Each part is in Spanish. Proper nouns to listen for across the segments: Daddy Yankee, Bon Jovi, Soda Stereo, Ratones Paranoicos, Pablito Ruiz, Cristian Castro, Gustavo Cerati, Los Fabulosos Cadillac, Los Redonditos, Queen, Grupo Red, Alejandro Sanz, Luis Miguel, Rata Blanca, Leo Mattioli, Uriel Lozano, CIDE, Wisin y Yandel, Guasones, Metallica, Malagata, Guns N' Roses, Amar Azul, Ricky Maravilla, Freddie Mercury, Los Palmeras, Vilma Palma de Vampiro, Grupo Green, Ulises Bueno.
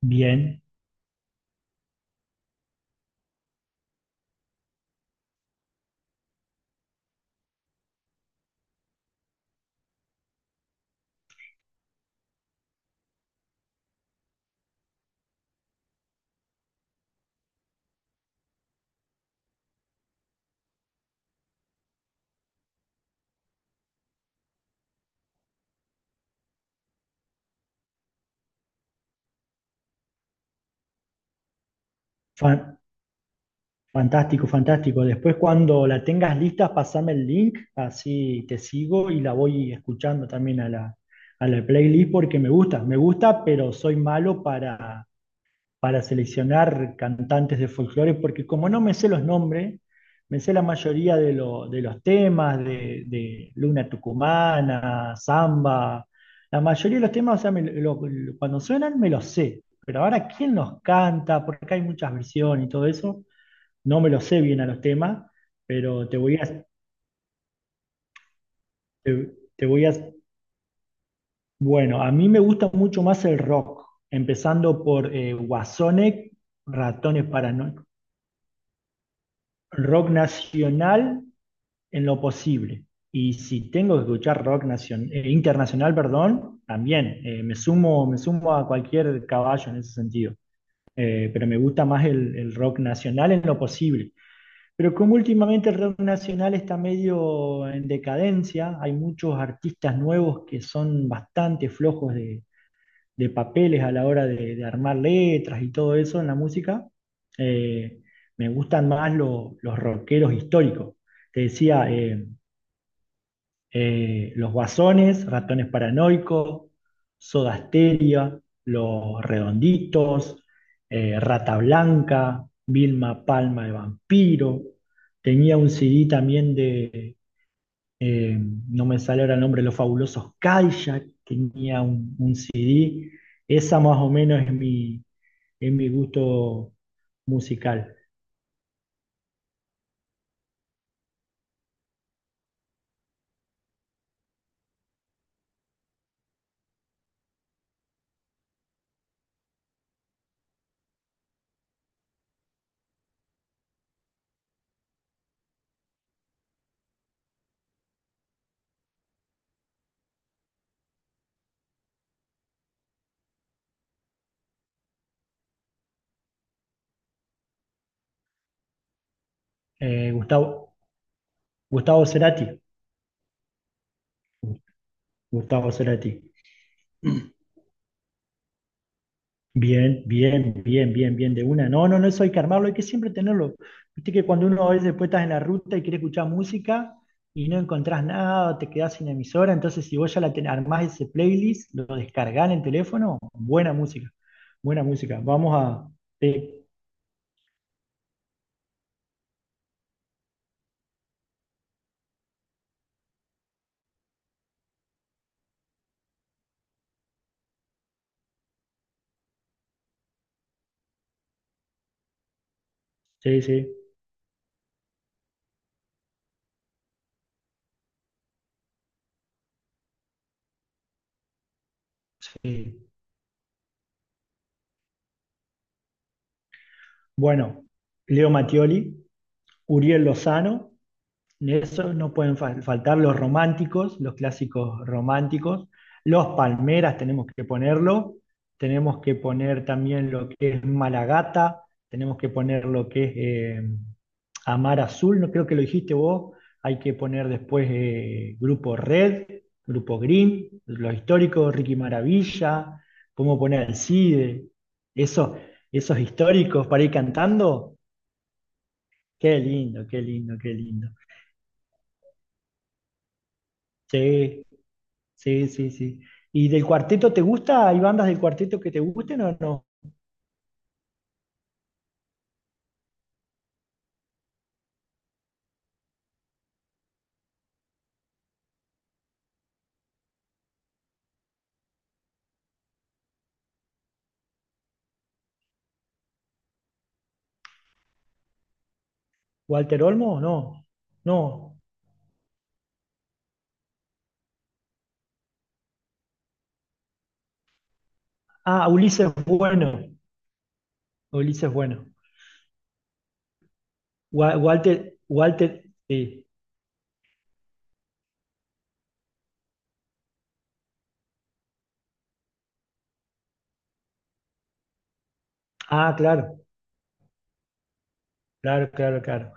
Bien, fan- fantástico, fantástico. Después cuando la tengas lista, pasame el link, así te sigo y la voy escuchando también a la playlist porque me gusta, pero soy malo para seleccionar cantantes de folclore, porque como no me sé los nombres, me sé la mayoría de los temas, de Luna Tucumana, Samba, la mayoría de los temas, o sea, cuando suenan me los sé, pero ahora quién los canta, porque hay muchas versiones y todo eso, no me los sé bien a los temas, pero te voy a, te voy a, bueno, a mí me gusta mucho más el rock, empezando por Guasone, Ratones Parano- rock nacional en lo posible. Y si tengo que escuchar internacional, perdón, también me sumo a cualquier caballo en ese sentido. Pero me gusta más el rock nacional en lo posible. Pero como últimamente el rock nacional está medio en decadencia, hay muchos artistas nuevos que son bastante flojos de papeles a la hora de armar letras y todo eso en la música. Eh, Me gustan más los rockeros históricos. Te decía, los Guasones, Ratones Paranoicos, Soda Stereo, Los Redonditos, Rata Blanca, Vilma Palma de Vampiro. Tenía un CD también de eh, no me sale ahora el nombre, Los Fabulosos Cadillac, tenía un CD, esa más o menos es mi gusto musical. Gustavo, Gustavo Cerati, Gustavo Cerati. Bien, bien, bien, bien, bien, de una. No, no, no, eso hay que armarlo, hay que siempre tenerlo. Viste que cuando uno a veces puede estar en la ruta y quiere escuchar música y no encontrás nada, te quedás sin emisora, entonces si vos ya la armás ese playlist, lo descargás en el teléfono, buena música, buena música. Vamos a... Sí, sí, sí. Sí. Bueno, Leo Mattioli, Uriel Lozano, de eso no pueden faltar los románticos, los clásicos románticos. Los palmeras tenemos que ponerlo. Tenemos que poner también lo que es Malagata. Tenemos que poner lo que es eh, Amar Azul. No creo que lo dijiste vos. Hay que poner después Grupo Red, Grupo Green, los históricos, Ricky Maravilla. Podemos poner el CIDE. Esos, esos históricos para ir cantando. Qué lindo, qué lindo, qué lindo. Sí. Sí, sí, sí. ¿Y del cuarteto te gusta? ¿Hay bandas del cuarteto que te gusten o no? ¿Walter Olmo? No. No. Ah, Ulises Bueno. Ulises Bueno. Walter, Walter, sí. Ah, claro, claro, claro, claro.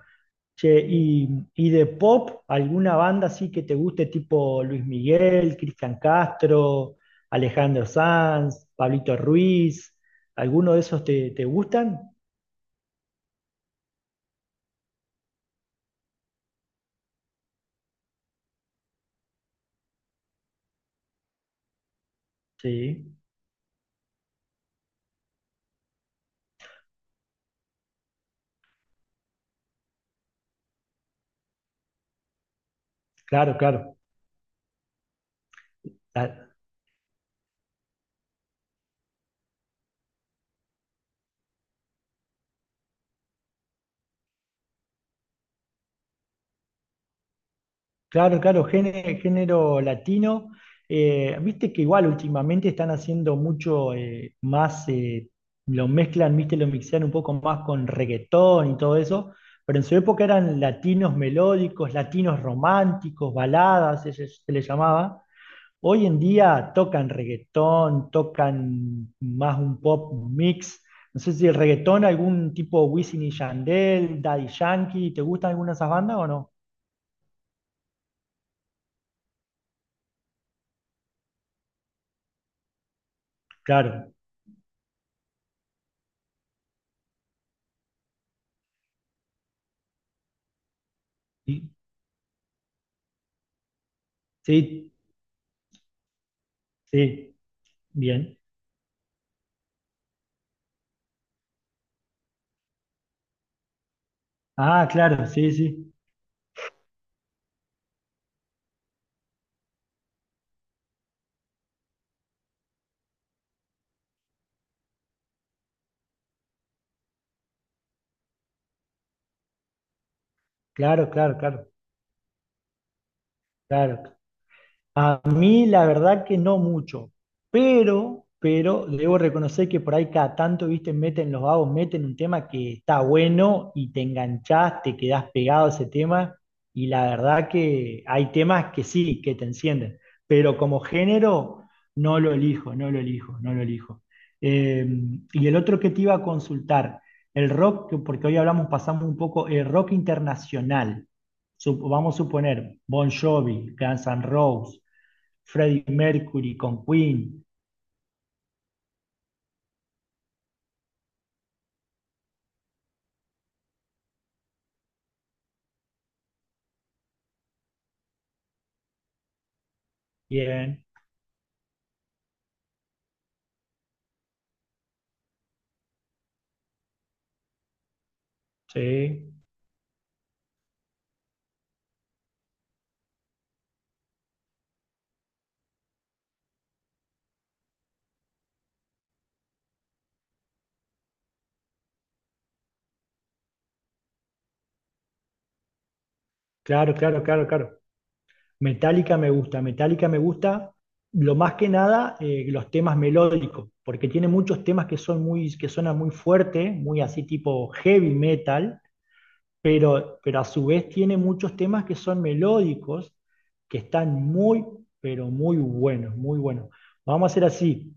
Che, y de pop, ¿alguna banda así que te guste, tipo Luis Miguel, Cristian Castro, Alejandro Sanz, Pablito Ruiz? ¿Alguno de esos te, te gustan? Sí, claro, claro. Claro, claro, género, género latino. Viste que igual últimamente están haciendo mucho más, lo mezclan, viste, lo mixean un poco más con reggaetón y todo eso, pero en su época eran latinos melódicos, latinos románticos, baladas, se les llamaba. Hoy en día tocan reggaetón, tocan más un pop mix. No sé si el reggaetón, algún tipo Wisin y Yandel, Daddy Yankee, ¿te gustan alguna de esas bandas o no? Claro. Sí, sí, bien. Ah, claro, sí, sí, claro, claro, claro, claro, a mí la verdad que no mucho, pero debo reconocer que por ahí cada tanto, viste, meten los vagos, meten un tema que está bueno y te enganchás, te quedás pegado a ese tema y la verdad que hay temas que sí, que te encienden, pero como género no lo elijo, no lo elijo, no lo elijo. Eh, y el otro que te iba a consultar, el rock, porque hoy hablamos, pasamos un poco, el rock internacional. Vamos a suponer, Bon Jovi, Guns N' Roses, Freddie Mercury con Queen. Bien, sí. Claro, claro, claro, claro. Metallica me gusta lo más que nada los temas melódicos, porque tiene muchos temas que son muy, que suenan muy fuerte, muy así tipo heavy metal, pero a su vez tiene muchos temas que son melódicos, que están muy, pero muy buenos, muy buenos. Vamos a hacer así,